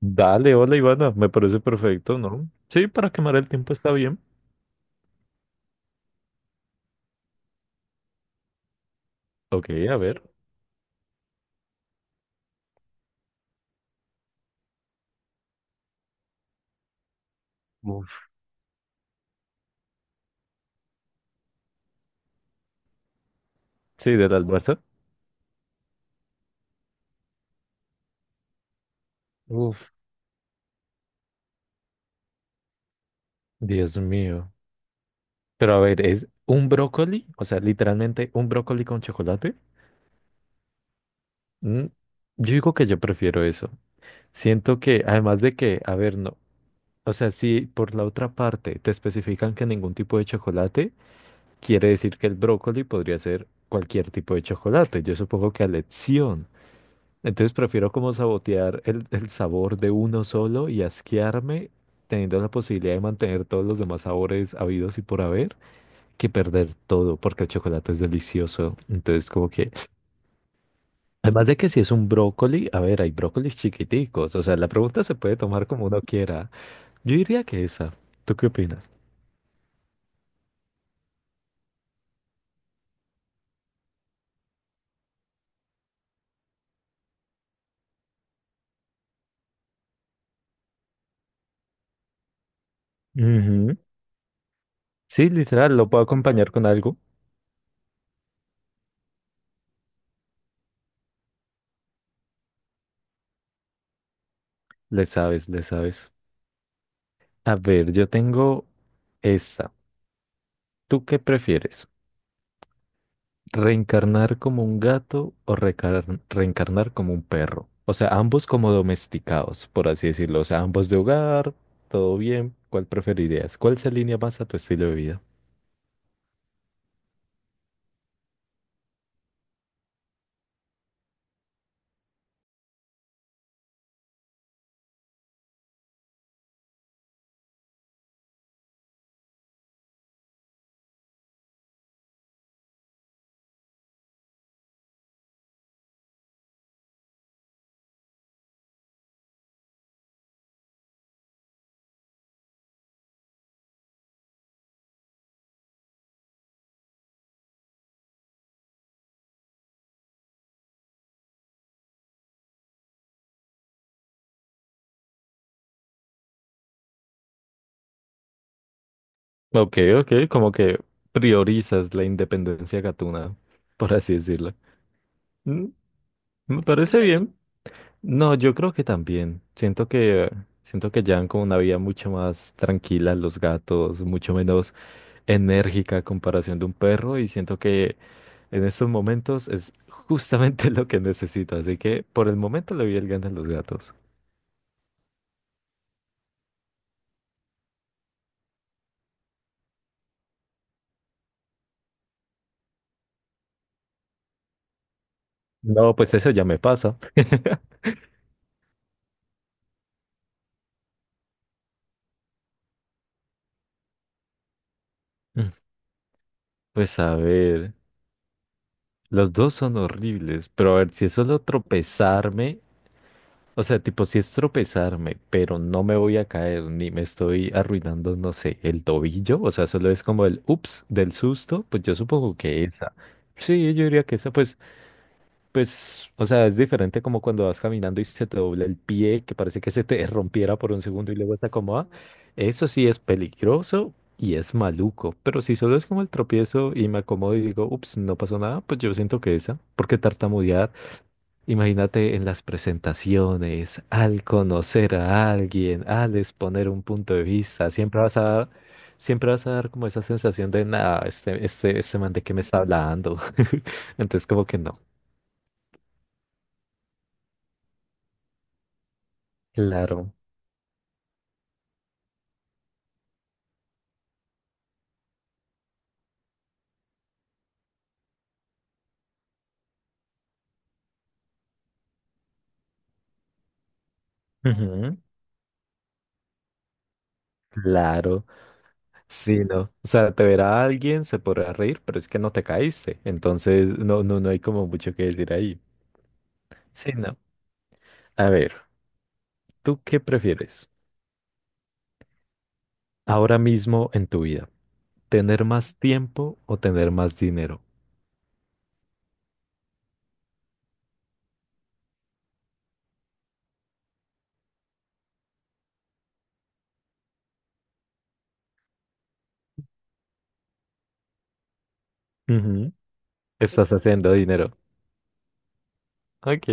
Dale, hola Ivana, me parece perfecto, ¿no? Sí, para quemar el tiempo está bien. Ok, a ver. Uf. Sí, del almuerzo. Uf. Dios mío. Pero a ver, ¿es un brócoli? O sea, literalmente un brócoli con chocolate. Mm, yo digo que yo prefiero eso. Siento que, además de que, a ver, no. O sea, si por la otra parte te especifican que ningún tipo de chocolate, quiere decir que el brócoli podría ser cualquier tipo de chocolate. Yo supongo que a elección. Entonces prefiero como sabotear el sabor de uno solo y asquearme teniendo la posibilidad de mantener todos los demás sabores habidos y por haber que perder todo porque el chocolate es delicioso. Entonces como que, además de que si es un brócoli, a ver, hay brócolis chiquiticos, o sea, la pregunta se puede tomar como uno quiera. Yo diría que esa. ¿Tú qué opinas? Ujú. Sí, literal, lo puedo acompañar con algo. Le sabes, le sabes. A ver, yo tengo esta. ¿Tú qué prefieres? ¿Reencarnar como un gato o reencarnar como un perro? O sea, ambos como domesticados, por así decirlo. O sea, ambos de hogar, todo bien. ¿Cuál preferirías? ¿Cuál se alinea más a tu estilo de vida? Ok, ok, como que priorizas la independencia gatuna, por así decirlo. Mm, Me parece bien. No, yo creo que también. Siento que llevan como una vida mucho más tranquila los gatos, mucho menos enérgica a comparación de un perro y siento que en estos momentos es justamente lo que necesito, así que por el momento le doy el gana a los gatos. No, pues eso ya me pasa. Mm. Pues a ver, los dos son horribles, pero a ver, si es solo tropezarme, o sea, tipo, si es tropezarme, pero no me voy a caer ni me estoy arruinando, no sé, el tobillo, o sea, solo es como el ups del susto, pues yo supongo que esa. Sí, yo diría que esa. Pues Pues, o sea, es diferente como cuando vas caminando y se te dobla el pie, que parece que se te rompiera por un segundo y luego se acomoda. Eso sí es peligroso y es maluco. Pero si solo es como el tropiezo y me acomodo y digo, ups, no pasó nada, pues yo siento que esa. Porque tartamudear, imagínate en las presentaciones, al conocer a alguien, al exponer un punto de vista, siempre vas a dar, siempre vas a dar como esa sensación de, nada, este man de qué me está hablando. Entonces, como que no. Claro. Ujú. Claro, sí, no. O sea, te verá alguien, se podrá reír, pero es que no te caíste. Entonces, no, no, no hay como mucho que decir ahí. Sí, no. A ver, ¿tú qué prefieres ahora mismo en tu vida? ¿Tener más tiempo o tener más dinero? Ujú. Estás haciendo dinero. Ok,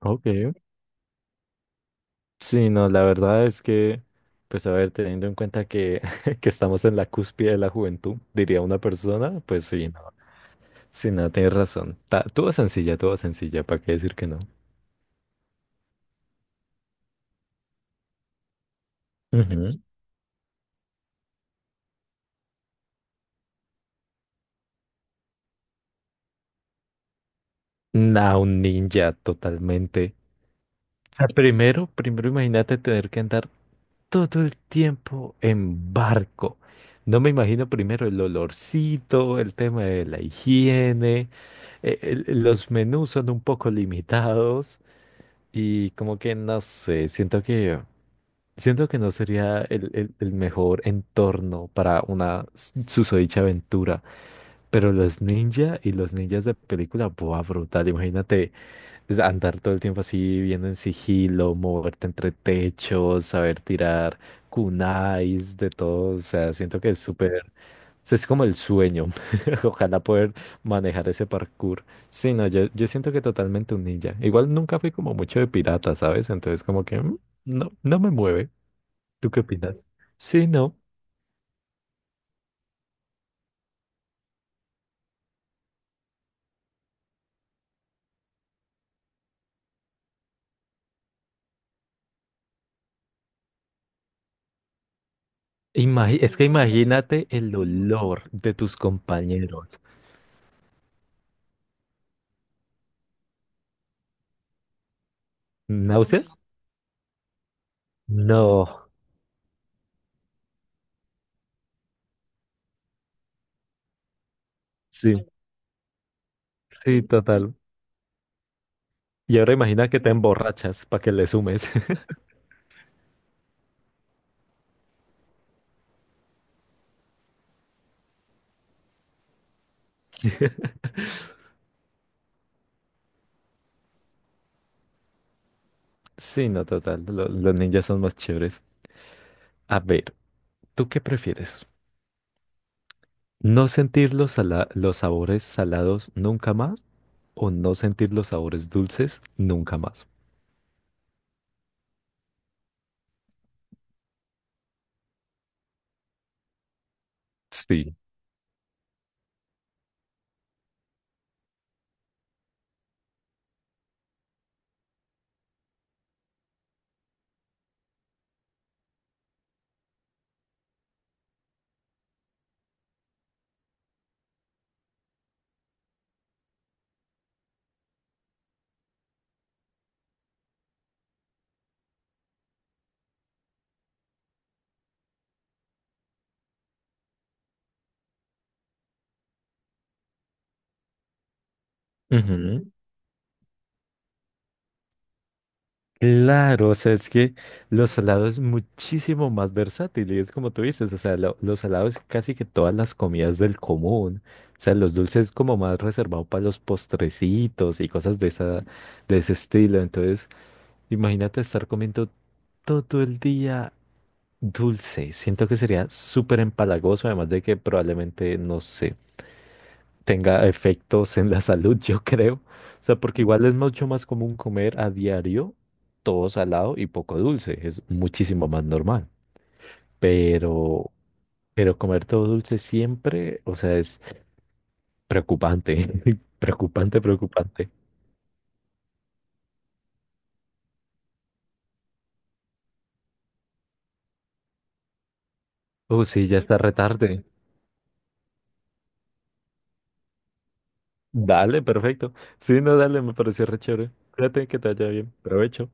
ok. Sí, no, la verdad es que, pues a ver, teniendo en cuenta que que estamos en la cúspide de la juventud, diría una persona, pues sí, no. Sí, no, tienes razón. Tuvo sencilla, ¿para qué decir que no? Ujú. Nah, un ninja totalmente. O sea, primero, primero imagínate tener que andar todo el tiempo en barco. No me imagino primero el olorcito, el tema de la higiene, eh, los menús son un poco limitados y como que no sé, siento que no sería el mejor entorno para una susodicha aventura. Pero los ninja y los ninjas de película, buah, brutal. Imagínate es andar todo el tiempo así, viendo en sigilo, moverte entre techos, saber tirar kunais, de todo. O sea, siento que es súper. O sea, es como el sueño. Ojalá poder manejar ese parkour. Sí, no, yo siento que totalmente un ninja. Igual nunca fui como mucho de pirata, ¿sabes? Entonces, como que no, no me mueve. ¿Tú qué opinas? Sí, no. Es que imagínate el olor de tus compañeros. ¿Náuseas? No, sí, sí, total. Y ahora imagina que te emborrachas para que le sumes. Sí, no, total. Los ninjas son más chéveres. A ver, ¿tú qué prefieres? ¿No sentir los, los sabores salados nunca más o no sentir los sabores dulces nunca más? Sí. Ujú. Claro, o sea, es que los salados es muchísimo más versátil y es como tú dices, o sea, los salados casi que todas las comidas del común, o sea, los dulces como más reservado para los postrecitos y cosas de esa, de ese estilo, entonces imagínate estar comiendo todo el día dulce, siento que sería súper empalagoso, además de que probablemente, no sé, tenga efectos en la salud, yo creo. O sea, porque igual es mucho más común comer a diario todo salado y poco dulce, es muchísimo más normal. Pero, pero comer todo dulce siempre, o sea, es preocupante, preocupante, preocupante. Oh, sí, ya está retarde. Dale, perfecto. Sí, no, dale, me pareció re chévere. Cuídate, que te vaya bien. Provecho.